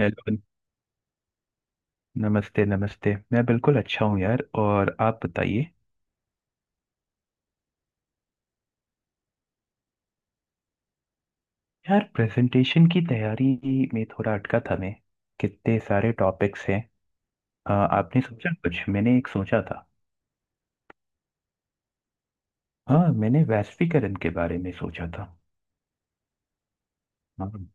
Hello. नमस्ते नमस्ते, मैं बिल्कुल अच्छा हूँ यार, और आप बताइए। यार, प्रेजेंटेशन की तैयारी में थोड़ा अटका था मैं। कितने सारे टॉपिक्स हैं। आपने सोचा कुछ? मैंने एक सोचा था। हाँ, मैंने वैश्वीकरण के बारे में सोचा था। हाँ।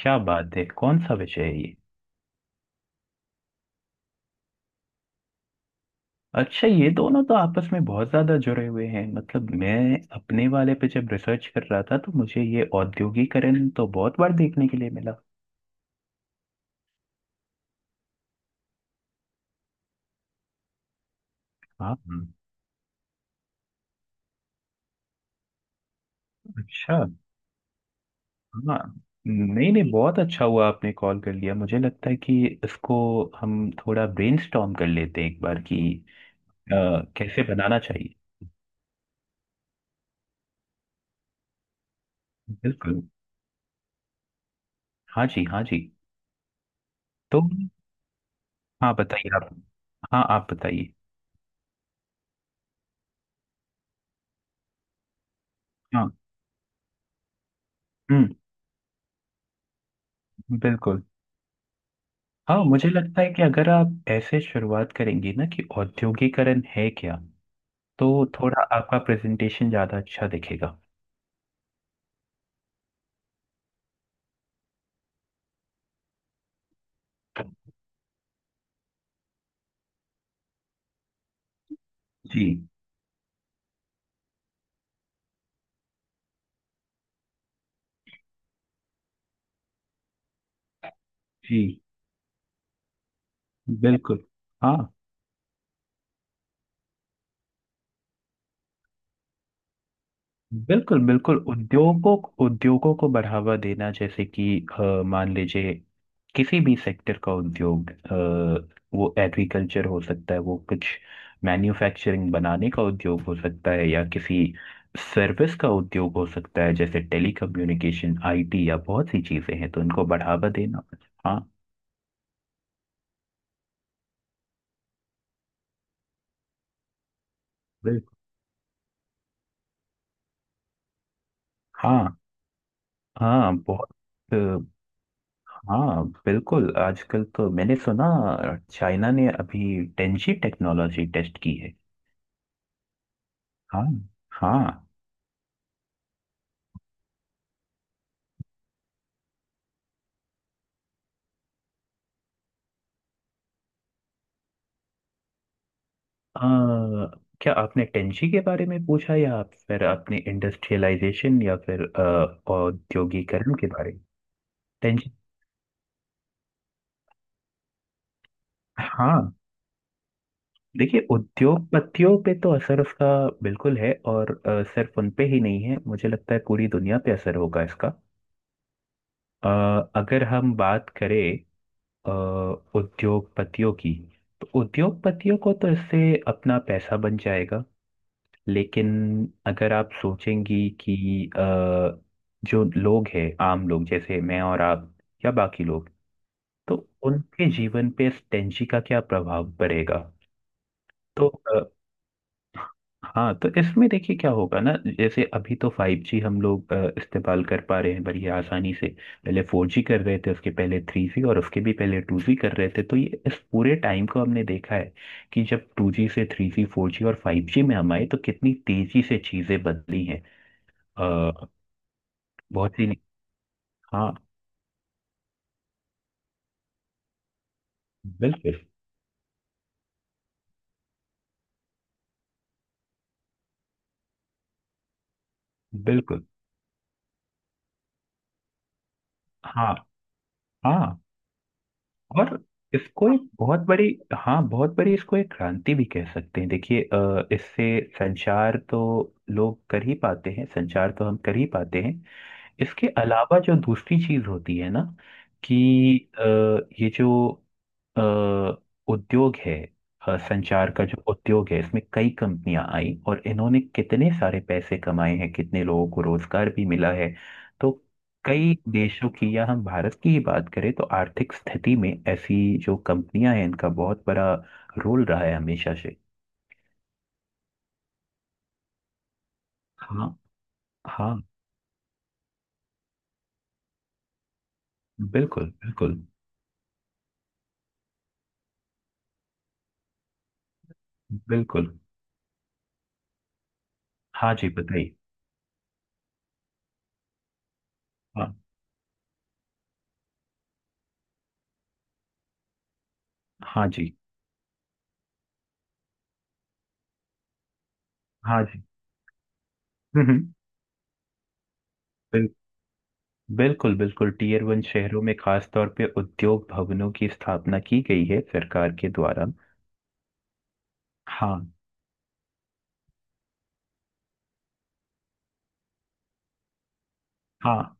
क्या बात है, कौन सा विषय है ये? अच्छा, ये दोनों तो आपस में बहुत ज्यादा जुड़े हुए हैं। मतलब मैं अपने वाले पे जब रिसर्च कर रहा था तो मुझे ये औद्योगिकरण तो बहुत बार देखने के लिए मिला। हाँ। अच्छा। हाँ। नहीं नहीं, बहुत अच्छा हुआ आपने कॉल कर लिया। मुझे लगता है कि इसको हम थोड़ा ब्रेनस्टॉर्म कर लेते हैं एक बार कि अ, कैसे बनाना चाहिए। बिल्कुल। हाँ जी, हाँ जी। तो हाँ, बताइए आप। हाँ, आप बताइए। हाँ। हम्म। बिल्कुल। हाँ, मुझे लगता है कि अगर आप ऐसे शुरुआत करेंगे ना कि औद्योगिकरण है क्या, तो थोड़ा आपका प्रेजेंटेशन ज़्यादा अच्छा दिखेगा। जी। जी। बिल्कुल। हाँ। बिल्कुल बिल्कुल, उद्योगों, उद्योगों को बढ़ावा देना, जैसे कि मान लीजिए किसी भी सेक्टर का उद्योग, वो एग्रीकल्चर हो सकता है, वो कुछ मैन्युफैक्चरिंग बनाने का उद्योग हो सकता है, या किसी सर्विस का उद्योग हो सकता है, जैसे टेलीकम्युनिकेशन आईटी, या बहुत सी चीजें हैं, तो उनको बढ़ावा देना। हाँ। बिल्कुल। हाँ। हाँ बहुत। हाँ बिल्कुल, आजकल तो मैंने सुना चाइना ने अभी टेंजी टेक्नोलॉजी टेस्ट की है। हाँ। हाँ। अ, क्या आपने टेंजी के बारे में पूछा, या आप फिर आपने इंडस्ट्रियलाइजेशन, या फिर औद्योगिकरण के बारे में? टेंजी। हाँ। देखिए, उद्योगपतियों पे तो असर उसका बिल्कुल है, और सिर्फ उन पे ही नहीं है, मुझे लगता है पूरी दुनिया पे असर होगा इसका। अ, अगर हम बात करें अ, उद्योगपतियों की, तो उद्योगपतियों को तो इससे अपना पैसा बन जाएगा। लेकिन अगर आप सोचेंगी कि अ, जो लोग हैं आम लोग, जैसे मैं और आप, या बाकी लोग, तो उनके जीवन पे इस टेंशी का क्या प्रभाव पड़ेगा? तो हाँ, तो इसमें देखिए क्या होगा ना, जैसे अभी तो फाइव जी हम लोग इस्तेमाल कर पा रहे हैं बड़ी आसानी से। पहले फोर जी कर रहे थे, उसके पहले थ्री जी, और उसके भी पहले टू जी कर रहे थे। तो ये इस पूरे टाइम को हमने देखा है कि जब टू जी से थ्री जी, फोर जी और फाइव जी में हम आए, तो कितनी तेजी से चीजें बदली हैं। अ, बहुत ही। हाँ। बिल्कुल बिल्कुल। हाँ। हाँ, और इसको एक बहुत बड़ी, हाँ बहुत बड़ी, इसको एक क्रांति भी कह सकते हैं। देखिए इससे संचार तो लोग कर ही पाते हैं, संचार तो हम कर ही पाते हैं। इसके अलावा जो दूसरी चीज होती है ना कि अ, ये जो अ, उद्योग है, संचार का जो उद्योग है, इसमें कई कंपनियां आई और इन्होंने कितने सारे पैसे कमाए हैं, कितने लोगों को रोजगार भी मिला है। तो कई देशों की, या हम भारत की ही बात करें, तो आर्थिक स्थिति में ऐसी जो कंपनियां हैं, इनका बहुत बड़ा रोल रहा है हमेशा से। हाँ। हाँ। बिल्कुल बिल्कुल। बिल्कुल। हाँ जी, बताइए। हाँ। हाँ जी। हाँ जी। हम्म। बिल, बिल्कुल बिल्कुल, टीयर वन शहरों में खास तौर पे उद्योग भवनों की स्थापना की गई है सरकार के द्वारा। हाँ। हाँ।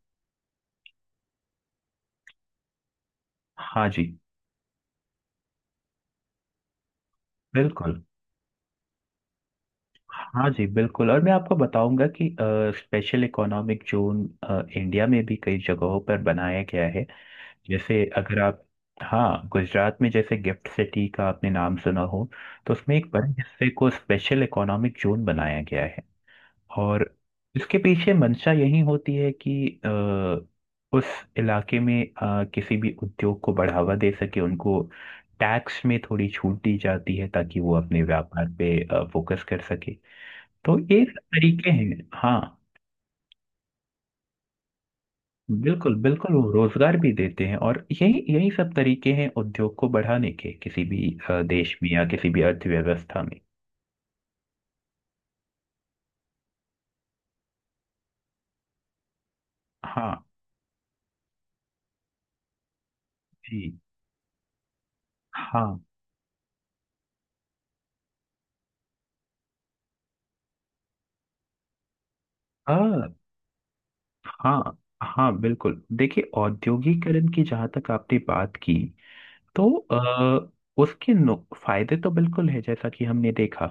हाँ जी। बिल्कुल। हाँ जी बिल्कुल, और मैं आपको बताऊंगा कि स्पेशल इकोनॉमिक जोन इंडिया में भी कई जगहों पर बनाया गया है। जैसे अगर आप, हाँ गुजरात में जैसे गिफ्ट सिटी का आपने नाम सुना हो, तो उसमें एक बड़े हिस्से को स्पेशल इकोनॉमिक जोन बनाया गया है। और इसके पीछे मंशा यही होती है कि अ, उस इलाके में किसी भी उद्योग को बढ़ावा दे सके। उनको टैक्स में थोड़ी छूट दी जाती है ताकि वो अपने व्यापार पे फोकस कर सके। तो ये सब तरीके हैं। हाँ। बिल्कुल बिल्कुल, वो रोजगार भी देते हैं, और यही यही सब तरीके हैं उद्योग को बढ़ाने के, किसी भी देश में या किसी भी अर्थव्यवस्था में। हाँ जी। हाँ। हाँ। हाँ। हाँ बिल्कुल, देखिए औद्योगिकरण की जहाँ तक आपने बात की, तो अ, उसके फायदे तो बिल्कुल है जैसा कि हमने देखा,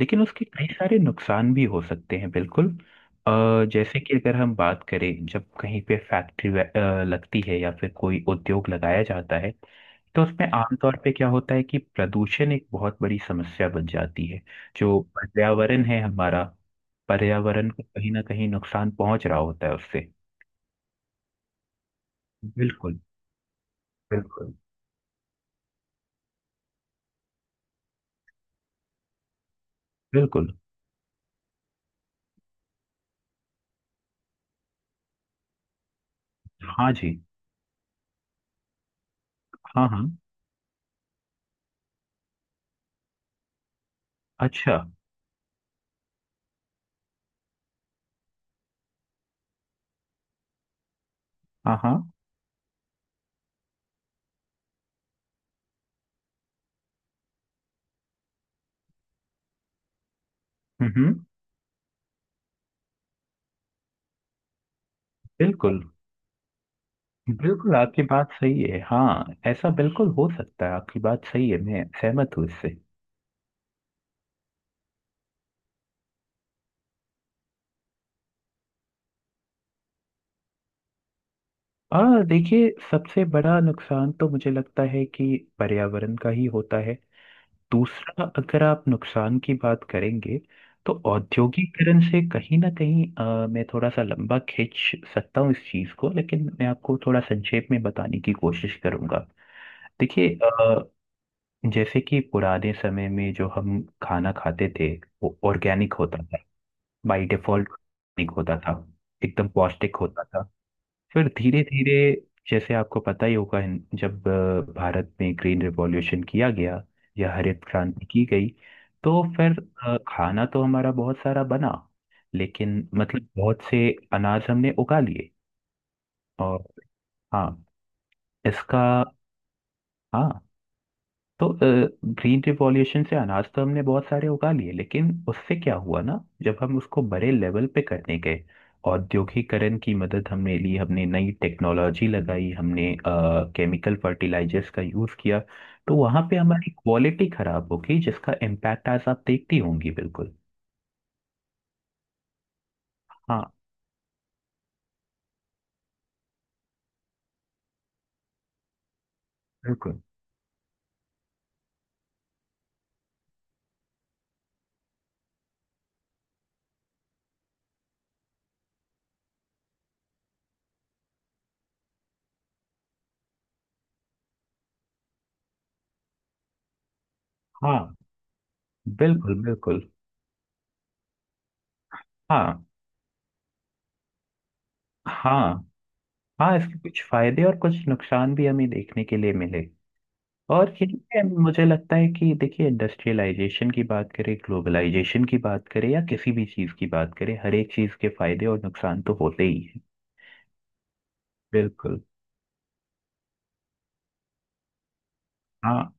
लेकिन उसके कई सारे नुकसान भी हो सकते हैं बिल्कुल। जैसे कि अगर हम बात करें, जब कहीं पे फैक्ट्री लगती है या फिर कोई उद्योग लगाया जाता है, तो उसमें आमतौर पे क्या होता है कि प्रदूषण एक बहुत बड़ी समस्या बन जाती है। जो पर्यावरण है हमारा, पर्यावरण को कहीं ना कहीं नुकसान पहुंच रहा होता है उससे। बिल्कुल। बिल्कुल। बिल्कुल। हाँ जी। हाँ। हाँ। अच्छा। हाँ। हाँ। हम्म हम्म, बिल्कुल बिल्कुल, आपकी बात सही है, हाँ ऐसा बिल्कुल हो सकता है, आपकी बात सही है, मैं सहमत हूँ इससे। और देखिए, सबसे बड़ा नुकसान तो मुझे लगता है कि पर्यावरण का ही होता है। दूसरा, अगर आप नुकसान की बात करेंगे, तो औद्योगिकरण से कहीं ना कहीं, मैं थोड़ा सा लंबा खींच सकता हूँ इस चीज़ को, लेकिन मैं आपको थोड़ा संक्षेप में बताने की कोशिश करूंगा। देखिए जैसे कि पुराने समय में जो हम खाना खाते थे, वो ऑर्गेनिक होता था, बाय डिफॉल्ट ऑर्गेनिक होता था, एकदम पौष्टिक होता था। फिर धीरे धीरे, जैसे आपको पता ही होगा, जब भारत में ग्रीन रिवॉल्यूशन किया गया, या हरित क्रांति की गई, तो फिर खाना तो हमारा बहुत सारा बना, लेकिन मतलब बहुत से अनाज हमने उगा लिए, और हाँ इसका, हाँ। तो ग्रीन रिवॉल्यूशन से अनाज तो हमने बहुत सारे उगा लिए, लेकिन उससे क्या हुआ ना, जब हम उसको बड़े लेवल पे करने गए, औद्योगिकरण की मदद हमने ली, हमने नई टेक्नोलॉजी लगाई, हमने केमिकल फर्टिलाइजर्स का यूज किया, तो वहां पे हमारी क्वालिटी खराब हो गई, जिसका इम्पैक्ट आज आप देखती होंगी बिल्कुल। हाँ। बिल्कुल। हाँ। बिल्कुल। बिल्कुल। हाँ। हाँ। हाँ, इसके कुछ फायदे और कुछ नुकसान भी हमें देखने के लिए मिले। और ये मुझे लगता है कि, देखिए इंडस्ट्रियलाइजेशन की बात करें, ग्लोबलाइजेशन की बात करें, या किसी भी चीज़ की बात करें, हर एक चीज़ के फायदे और नुकसान तो होते ही हैं। बिल्कुल। हाँ।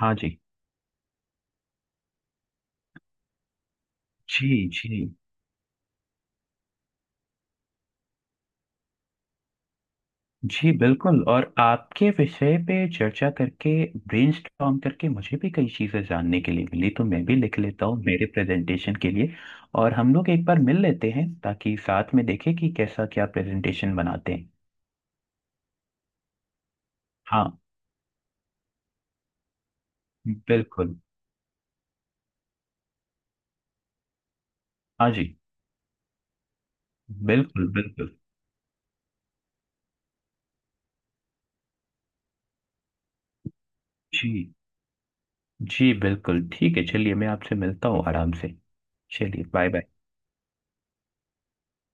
हाँ। जी। जी। जी जी बिल्कुल, और आपके विषय पे चर्चा करके, ब्रेनस्टॉर्म करके मुझे भी कई चीज़ें जानने के लिए मिली, तो मैं भी लिख लेता हूँ मेरे प्रेजेंटेशन के लिए। और हम लोग एक बार मिल लेते हैं ताकि साथ में देखें कि कैसा क्या प्रेजेंटेशन बनाते हैं। हाँ। बिल्कुल। हाँ जी। बिल्कुल बिल्कुल। जी। जी बिल्कुल ठीक है, चलिए मैं आपसे मिलता हूँ आराम से। चलिए, बाय बाय।